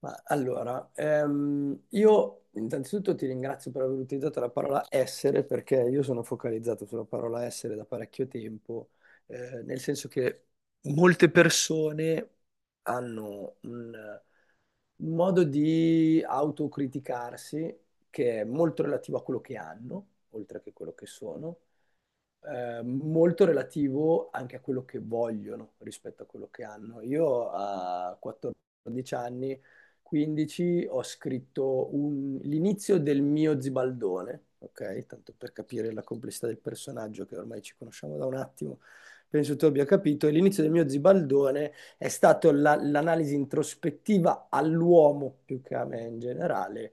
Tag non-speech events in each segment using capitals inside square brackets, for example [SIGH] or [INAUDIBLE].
Ma allora, io intanzitutto ti ringrazio per aver utilizzato la parola essere perché io sono focalizzato sulla parola essere da parecchio tempo, nel senso che molte persone hanno un modo di autocriticarsi che è molto relativo a quello che hanno, oltre che quello che sono, molto relativo anche a quello che vogliono rispetto a quello che hanno. Io a 14 anni 15 ho scritto l'inizio del mio Zibaldone, ok? Tanto per capire la complessità del personaggio che ormai ci conosciamo da un attimo, penso tu abbia capito. E l'inizio del mio Zibaldone è stato l'analisi introspettiva all'uomo più che a me in generale,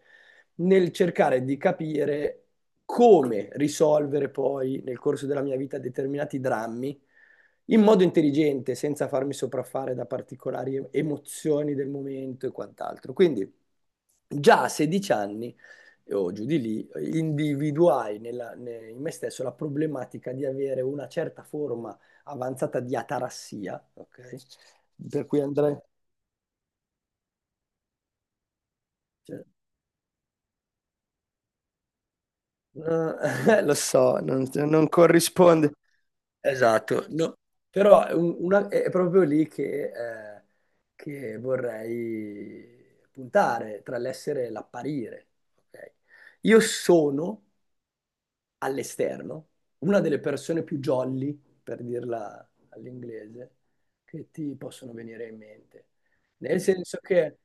nel cercare di capire come risolvere poi nel corso della mia vita determinati drammi in modo intelligente, senza farmi sopraffare da particolari emozioni del momento e quant'altro. Quindi già a 16 anni, o giù di lì, individuai in me stesso la problematica di avere una certa forma avanzata di atarassia, ok? Per cui andrei... cioè, [LAUGHS] lo so, non corrisponde. Esatto, no. Però è, è proprio lì che vorrei puntare, tra l'essere e l'apparire. Ok? Io sono all'esterno una delle persone più jolly, per dirla all'inglese, che ti possono venire in mente. Nel senso che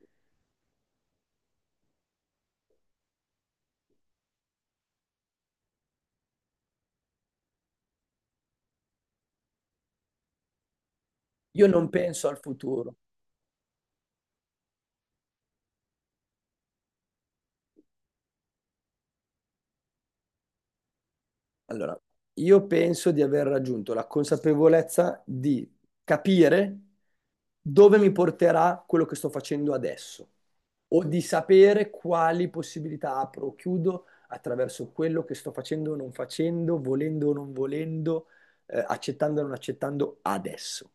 io non penso al futuro. Allora, io penso di aver raggiunto la consapevolezza di capire dove mi porterà quello che sto facendo adesso o di sapere quali possibilità apro o chiudo attraverso quello che sto facendo o non facendo, volendo o non volendo, accettando o non accettando adesso.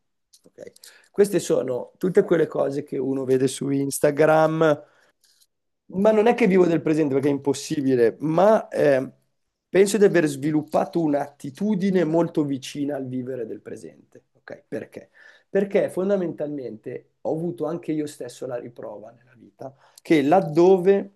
Ok? Queste sono tutte quelle cose che uno vede su Instagram, ma non è che vivo del presente perché è impossibile, ma penso di aver sviluppato un'attitudine molto vicina al vivere del presente. Ok, perché? Perché fondamentalmente ho avuto anche io stesso la riprova nella vita che laddove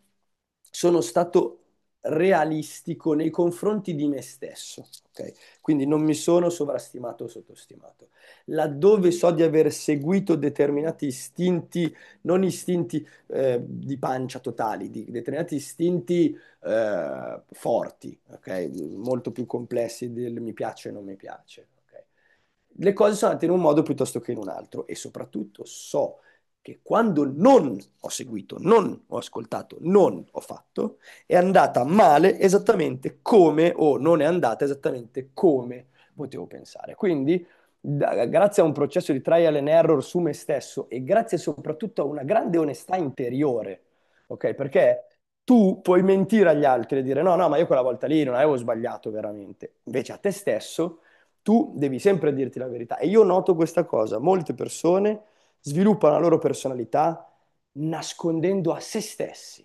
sono stato realistico nei confronti di me stesso, ok? Quindi non mi sono sovrastimato o sottostimato. Laddove so di aver seguito determinati istinti non istinti di pancia totali, di determinati istinti forti, ok? Molto più complessi del mi piace e non mi piace. Ok? Le cose sono andate in un modo piuttosto che in un altro e soprattutto so che quando non ho seguito, non ho ascoltato, non ho fatto, è andata male esattamente come o non è andata esattamente come potevo pensare. Quindi, grazie a un processo di trial and error su me stesso e grazie soprattutto a una grande onestà interiore, ok? Perché tu puoi mentire agli altri e dire no, no, ma io quella volta lì non avevo sbagliato veramente. Invece a te stesso tu devi sempre dirti la verità. E io noto questa cosa, molte persone sviluppano la loro personalità nascondendo a se stessi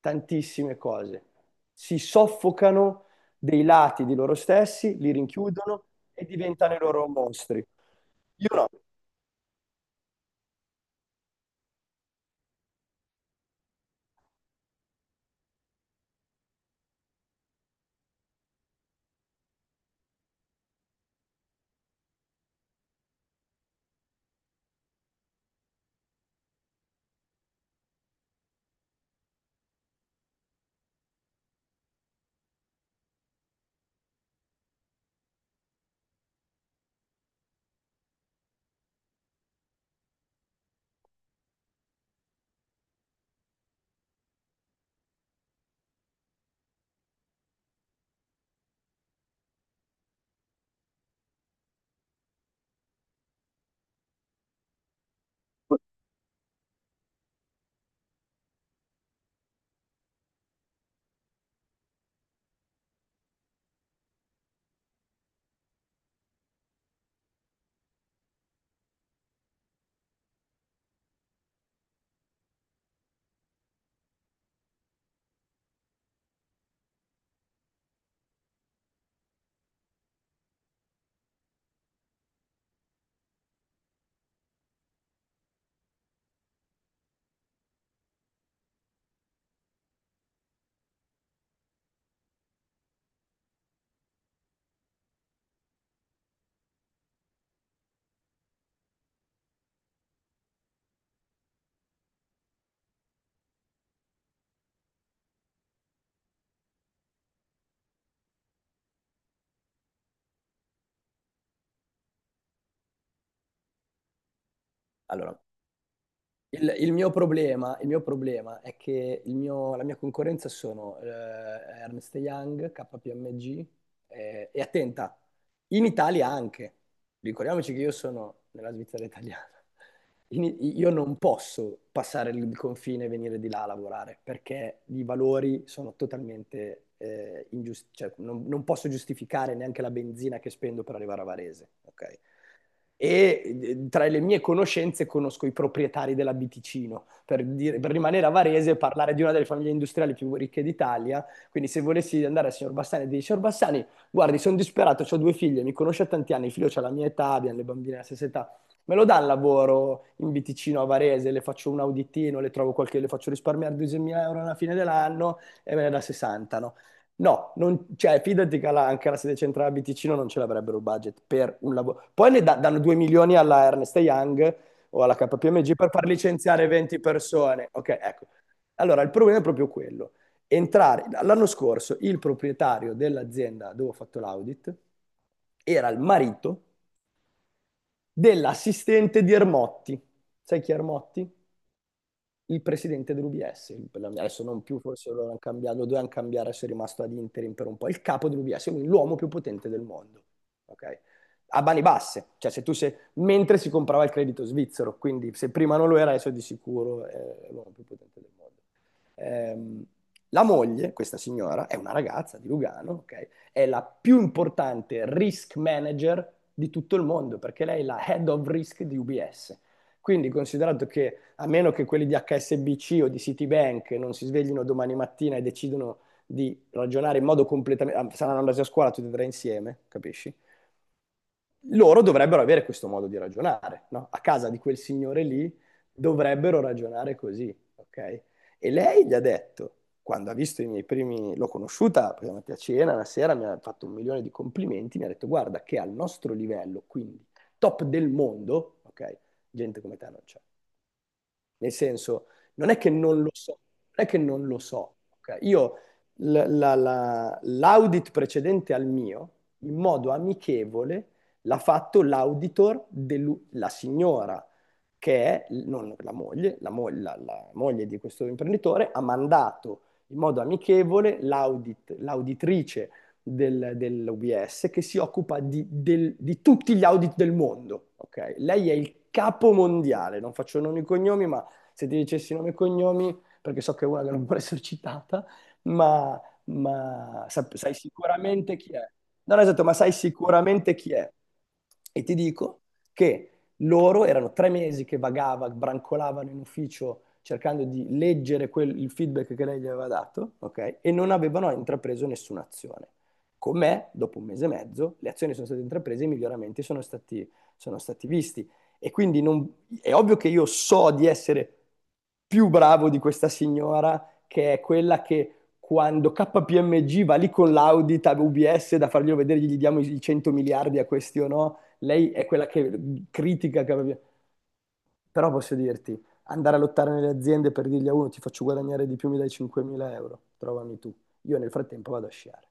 tantissime cose, si soffocano dei lati di loro stessi, li rinchiudono e diventano i loro mostri. Io no. Allora, Il mio problema, il mio problema è che la mia concorrenza sono Ernst Young, KPMG, e attenta, in Italia anche. Ricordiamoci che io sono nella Svizzera italiana, io non posso passare il confine e venire di là a lavorare perché i valori sono totalmente ingiusti, cioè non posso giustificare neanche la benzina che spendo per arrivare a Varese, ok? E tra le mie conoscenze conosco i proprietari della Biticino, per, per rimanere a Varese e parlare di una delle famiglie industriali più ricche d'Italia. Quindi se volessi andare al signor Bassani e dire, signor Bassani, guardi, sono disperato, ho due figlie, mi conosce da tanti anni, il figlio ha la mia età, abbiamo le bambine alla stessa età, me lo dà il lavoro in Biticino a Varese, le faccio un auditino, le trovo qualche, le faccio risparmiare 2.000 euro alla fine dell'anno e me ne dà 60, no? No, cioè, fidati che anche la sede centrale a Biticino non ce l'avrebbero il budget per un lavoro. Poi ne danno 2 milioni alla Ernst Young o alla KPMG per far licenziare 20 persone. Ok, ecco. Allora, il problema è proprio quello. Entrare, l'anno scorso il proprietario dell'azienda dove ho fatto l'audit era il marito dell'assistente di Ermotti. Sai chi è Ermotti? Il presidente dell'UBS. Adesso non più, forse loro hanno cambiato, lo dovevano cambiare, se è rimasto ad interim per un po'. Il capo dell'UBS, quindi l'uomo più potente del mondo. Ok? A mani basse, cioè se tu sei, mentre si comprava il credito svizzero, quindi se prima non lo era, adesso di sicuro è l'uomo più potente del mondo. Ehm, la moglie, questa signora, è una ragazza di Lugano, ok? È la più importante risk manager di tutto il mondo perché lei è la head of risk di UBS. Quindi, considerato che a meno che quelli di HSBC o di Citibank non si sveglino domani mattina e decidono di ragionare in modo completamente... ah, saranno andati a scuola tutti e tre insieme, capisci? Loro dovrebbero avere questo modo di ragionare, no? A casa di quel signore lì dovrebbero ragionare così, ok? E lei gli ha detto, quando ha visto i miei primi, l'ho conosciuta, perché è andata a cena, una sera mi ha fatto un milione di complimenti, mi ha detto, guarda che al nostro livello, quindi top del mondo, ok? Gente come te non c'è. Nel senso, non è che non lo so, non è che non lo so. Ok? Io l'audit precedente al mio, in modo amichevole, l'ha fatto l'auditor, della signora che è non la moglie, la moglie di questo imprenditore ha mandato in modo amichevole l'auditrice dell'UBS che si occupa di, di tutti gli audit del mondo. Ok? Lei è il capo mondiale, non faccio nomi e cognomi, ma se ti dicessi nomi e cognomi, perché so che è una che non vuole essere citata, ma, sai sicuramente chi è. Non esatto, ma sai sicuramente chi è. E ti dico che loro erano 3 mesi che vagava, brancolavano in ufficio cercando di leggere il feedback che lei gli aveva dato, ok? E non avevano intrapreso nessuna azione. Con me, dopo un mese e mezzo, le azioni sono state intraprese e i miglioramenti sono stati visti. E quindi è ovvio che io so di essere più bravo di questa signora, che è quella che quando KPMG va lì con l'audit a UBS da farglielo vedere, gli diamo i 100 miliardi a questi o no, lei è quella che critica, però posso dirti, andare a lottare nelle aziende per dirgli a uno ti faccio guadagnare di più, mi dai 5.000 euro, trovami tu. Io nel frattempo vado a sciare.